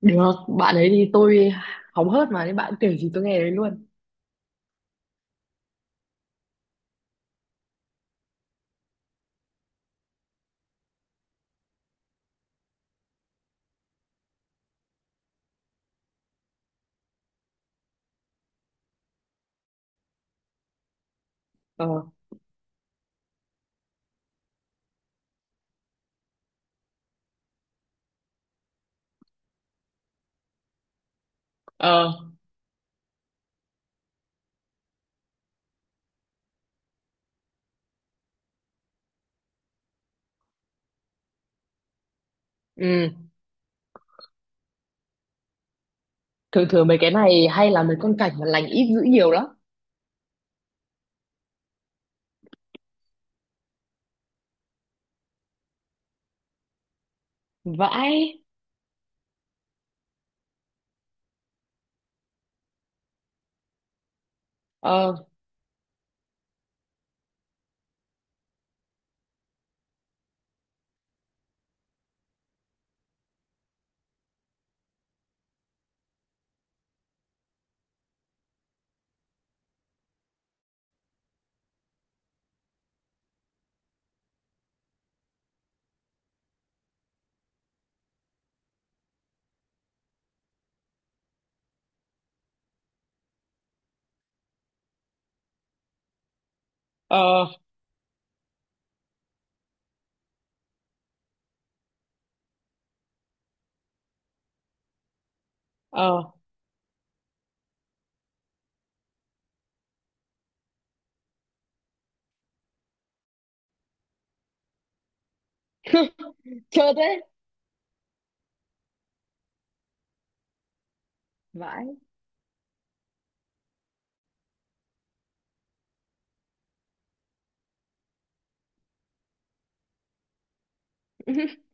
Được, bạn ấy thì tôi hóng hớt mà nên bạn kể gì tôi nghe đấy luôn. Ờ, ờ, ừ. Thường thường mấy cái này hay là mấy con cảnh mà lành ít dữ nhiều lắm. Vãi, ờ, ờ, ờ, chơ thế. Vãi,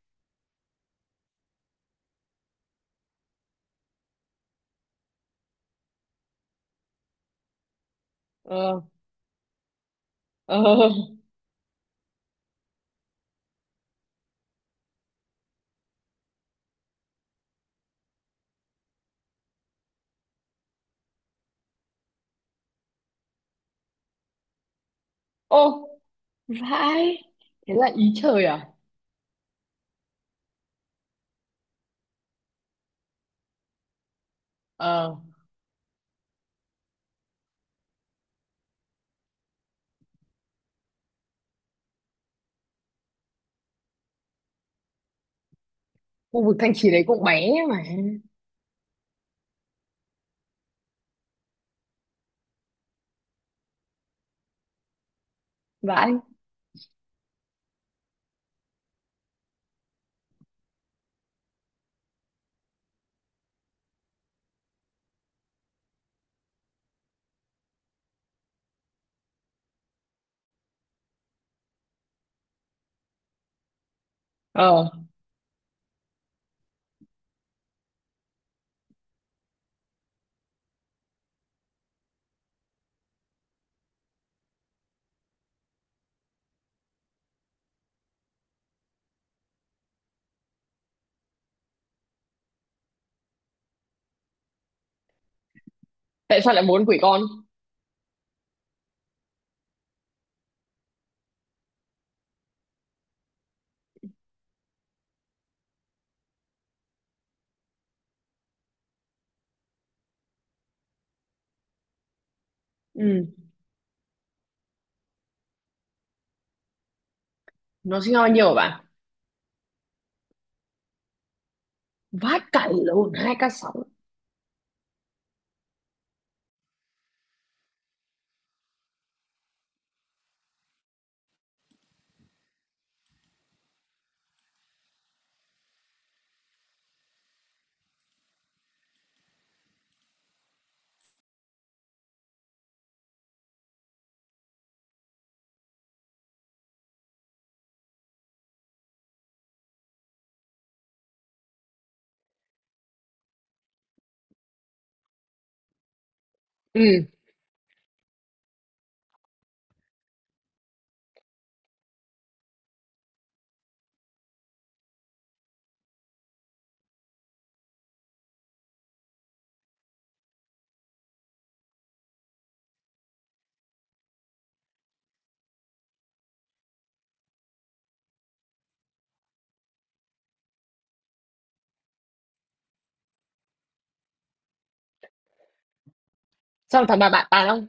ờ, ờ, ô, vãi. Thế là ý trời à? Ờ, khu vực Thanh Trì đấy cũng bé mà. Vãi, ờ, tại sao lại muốn quỷ con? Ừ, nó sinh bao nhiều hả bạn? Vát cày lộn 2k6. Ừ, sao thằng bà bạn tàn không?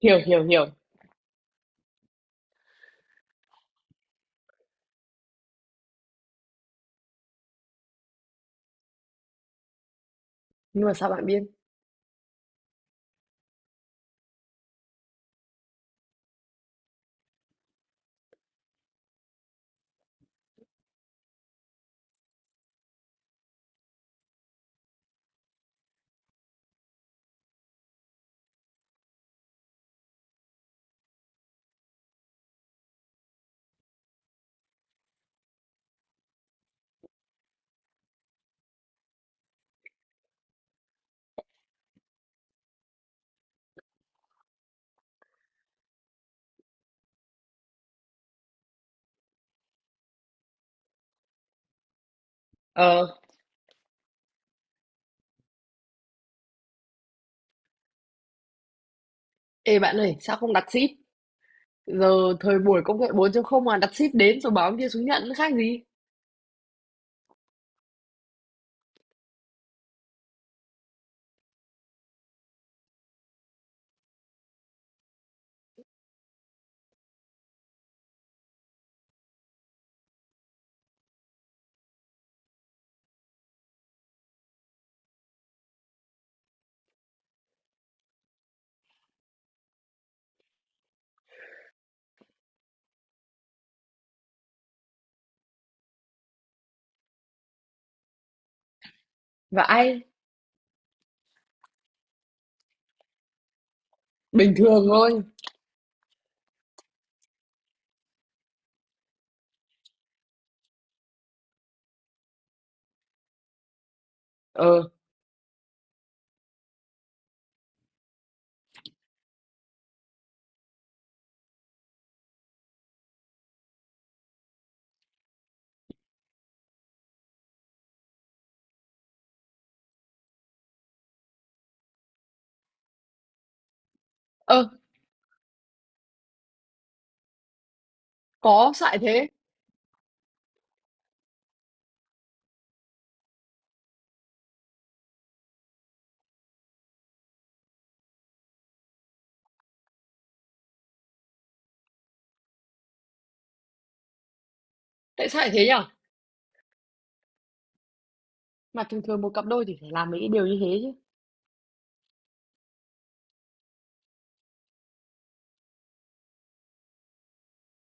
Hiểu, hiểu, hiểu. Nhưng mà sao bạn biết? Ờ, ê bạn ơi, sao không đặt ship giờ? Thời buổi công nghệ 4 không mà, đặt ship đến rồi báo ông kia xuống nhận nó khác gì. Và ai, bình thường thôi. Ờ, ơ, có, sao lại thế? Tại sao lại thế nhở? Mà thường thường một cặp đôi thì phải làm mấy cái điều như thế chứ.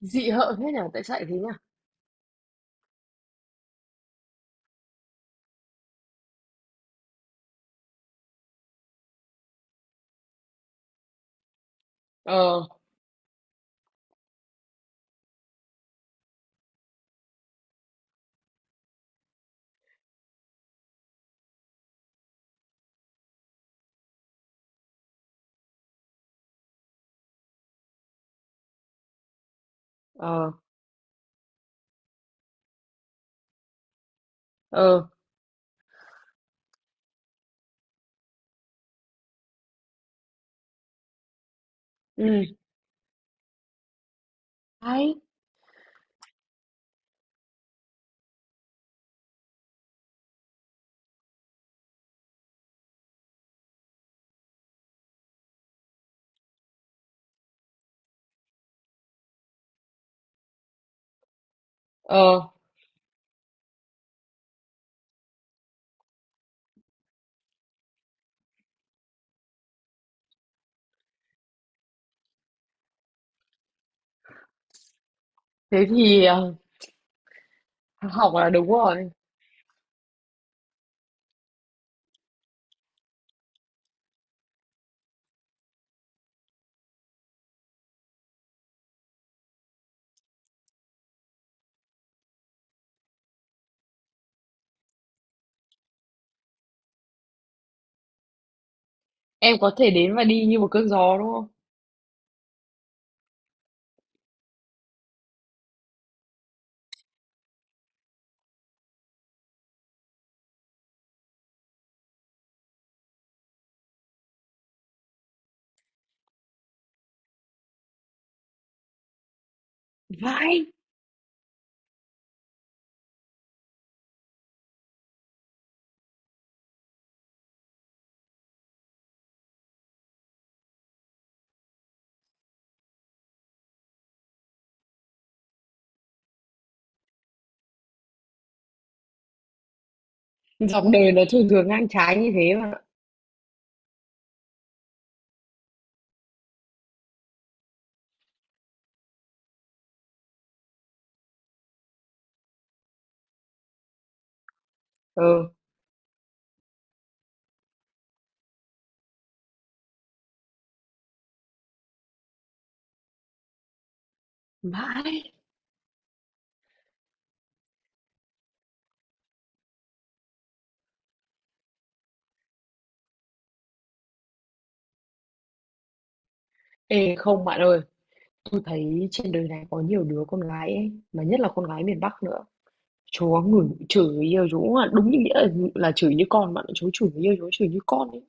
Dị hợm thế nhở, tại sao lại thế nhở? Ờ, ờ, ờ, ừ, hay, ờ, thế thì học là đúng rồi. Em có thể đến và đi như một cơn gió, đúng không? Vãi. Dòng đời nó thường thường ngang trái như thế mà. Ừ, vãi. Ê, không bạn ơi, tôi thấy trên đời này có nhiều đứa con gái ấy, mà nhất là con gái miền Bắc nữa. Chúa ngửi chửi yêu chú mà đúng như nghĩa là chửi như con bạn, ạ. Chú chửi yêu, chú chửi như con ấy.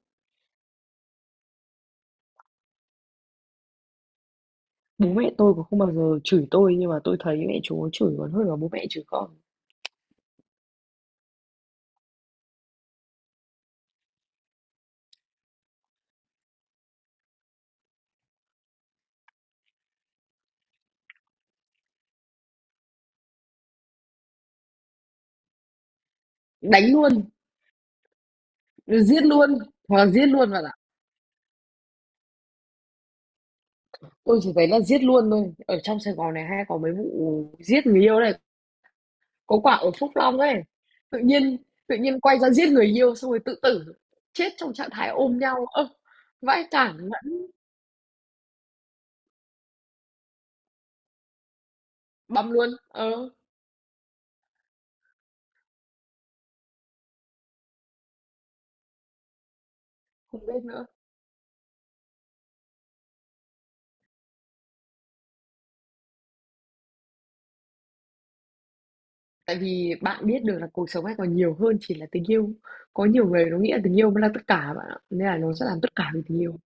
Bố mẹ tôi cũng không bao giờ chửi tôi nhưng mà tôi thấy mẹ chú chửi còn hơn là bố mẹ chửi con. Đánh luôn, giết luôn, hoặc là giết luôn bạn ạ. Tôi chỉ thấy là giết luôn thôi. Ở trong Sài Gòn này hay có mấy vụ giết người yêu này. Có quả ở Phúc Long ấy, tự nhiên tự nhiên quay ra giết người yêu xong rồi tự tử, chết trong trạng thái ôm nhau. Ơ, vãi đản vẫn băm luôn. Ờ, không biết nữa. Tại vì bạn biết được là cuộc sống này còn nhiều hơn chỉ là tình yêu. Có nhiều người nó nghĩ là tình yêu mới là tất cả bạn ạ, nên là nó sẽ làm tất cả vì tình yêu.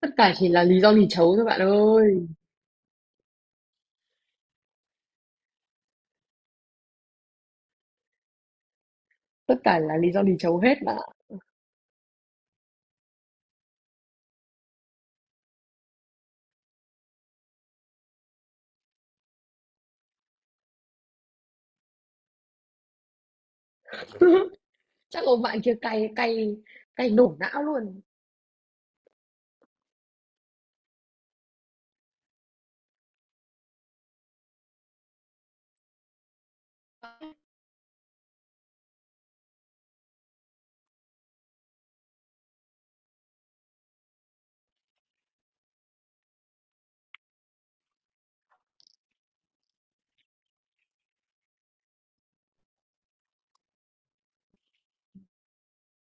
Tất cả chỉ là lý do lì chấu thôi bạn ơi. Tất cả là lý do lì chấu hết bạn ạ. Chắc là bạn kia cay cay cay nổ não luôn.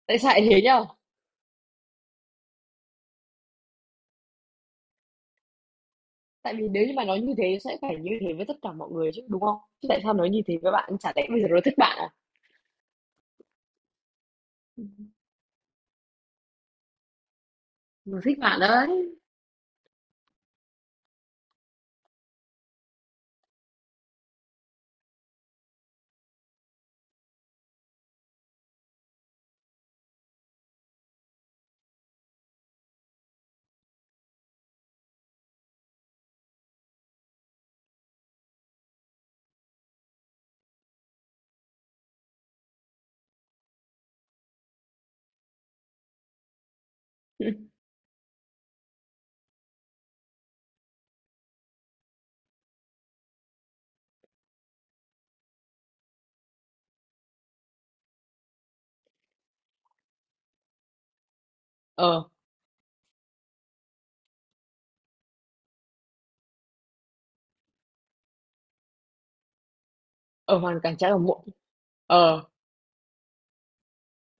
Tại sao lại thế nhở? Tại vì nếu như mà nói như thế sẽ phải như thế với tất cả mọi người chứ, đúng không? Chứ tại sao nói như thế với bạn? Chả lẽ bây giờ nó thích bạn à? Nó thích bạn đấy. Ờ, ở hoàn cảnh trái ở muộn. Ờ,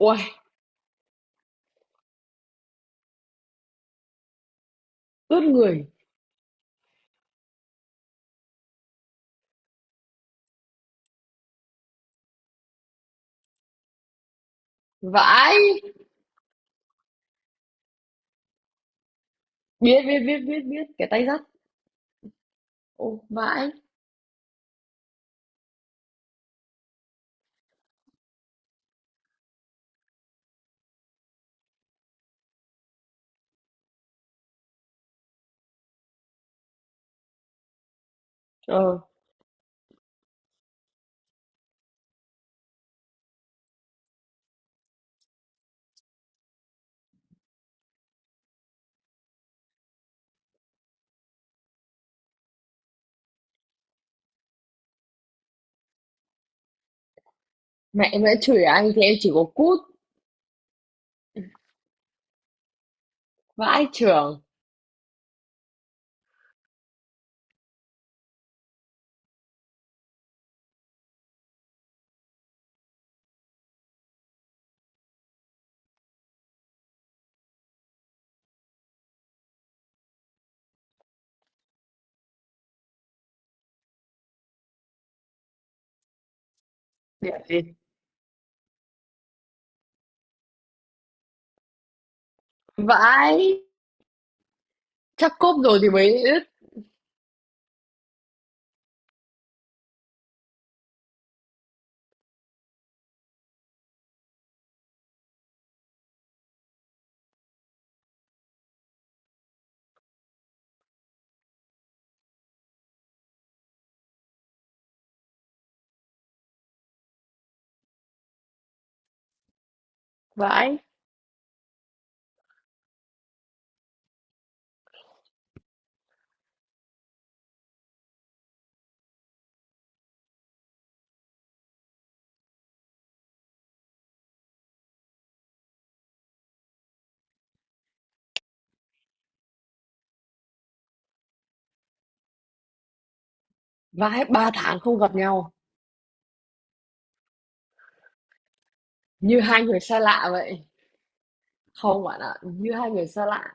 ui, ướt người. Vãi. Biết, biết, biết, biết, biết. Cái tay dắt. Ô, vãi. Ờ, mẹ mẹ chửi anh thì em chỉ có cút. Vãi trưởng. Điểm gì? Vãi. Chắc cốp rồi thì mới ướt. Vãi. Vãi, 3 tháng không gặp nhau. Như hai người xa lạ vậy. Không bạn ạ, như hai người xa lạ.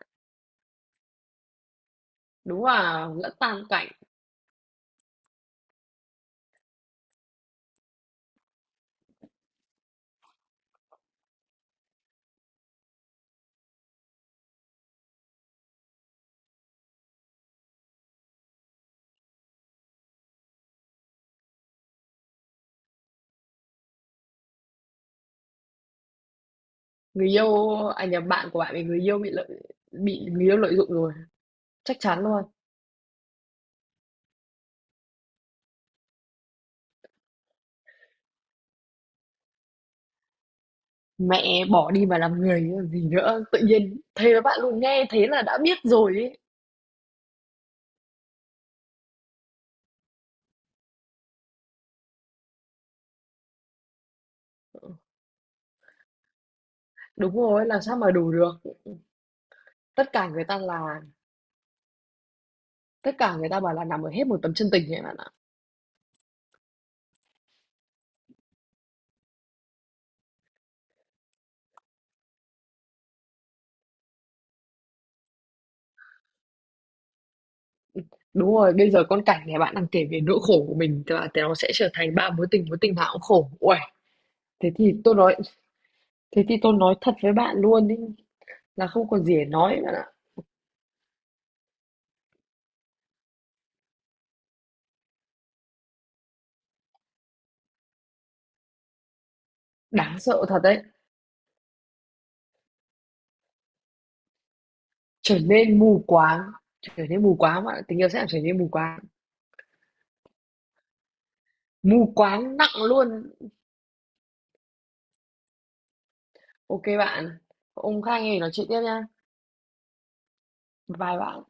Đúng là lẫn tan cảnh, người yêu à nhầm, bạn của bạn bị người yêu lợi dụng rồi, chắc chắn luôn. Mẹ bỏ đi mà làm người chứ còn gì nữa, tự nhiên thế với bạn luôn, nghe thế là đã biết rồi ấy. Đúng rồi, làm sao mà đủ được. Tất cả người ta là Tất cả người ta bảo là nằm ở hết một tấm chân tình ấy bạn ạ. Đúng rồi, bây giờ con cảnh này bạn đang kể về nỗi khổ của mình là nó sẽ trở thành ba mối tình nào cũng khổ. Uầy, thế thì tôi nói thế thì tôi nói thật với bạn luôn ấy, là không còn gì để nói bạn ạ. Đáng sợ thật đấy. trở nên mù quáng trở nên mù quáng bạn ạ. Tình yêu sẽ làm trở nên mù quáng, mù quáng nặng luôn. OK bạn, ông Khang ơi, nói chuyện tiếp nha. Bye bạn.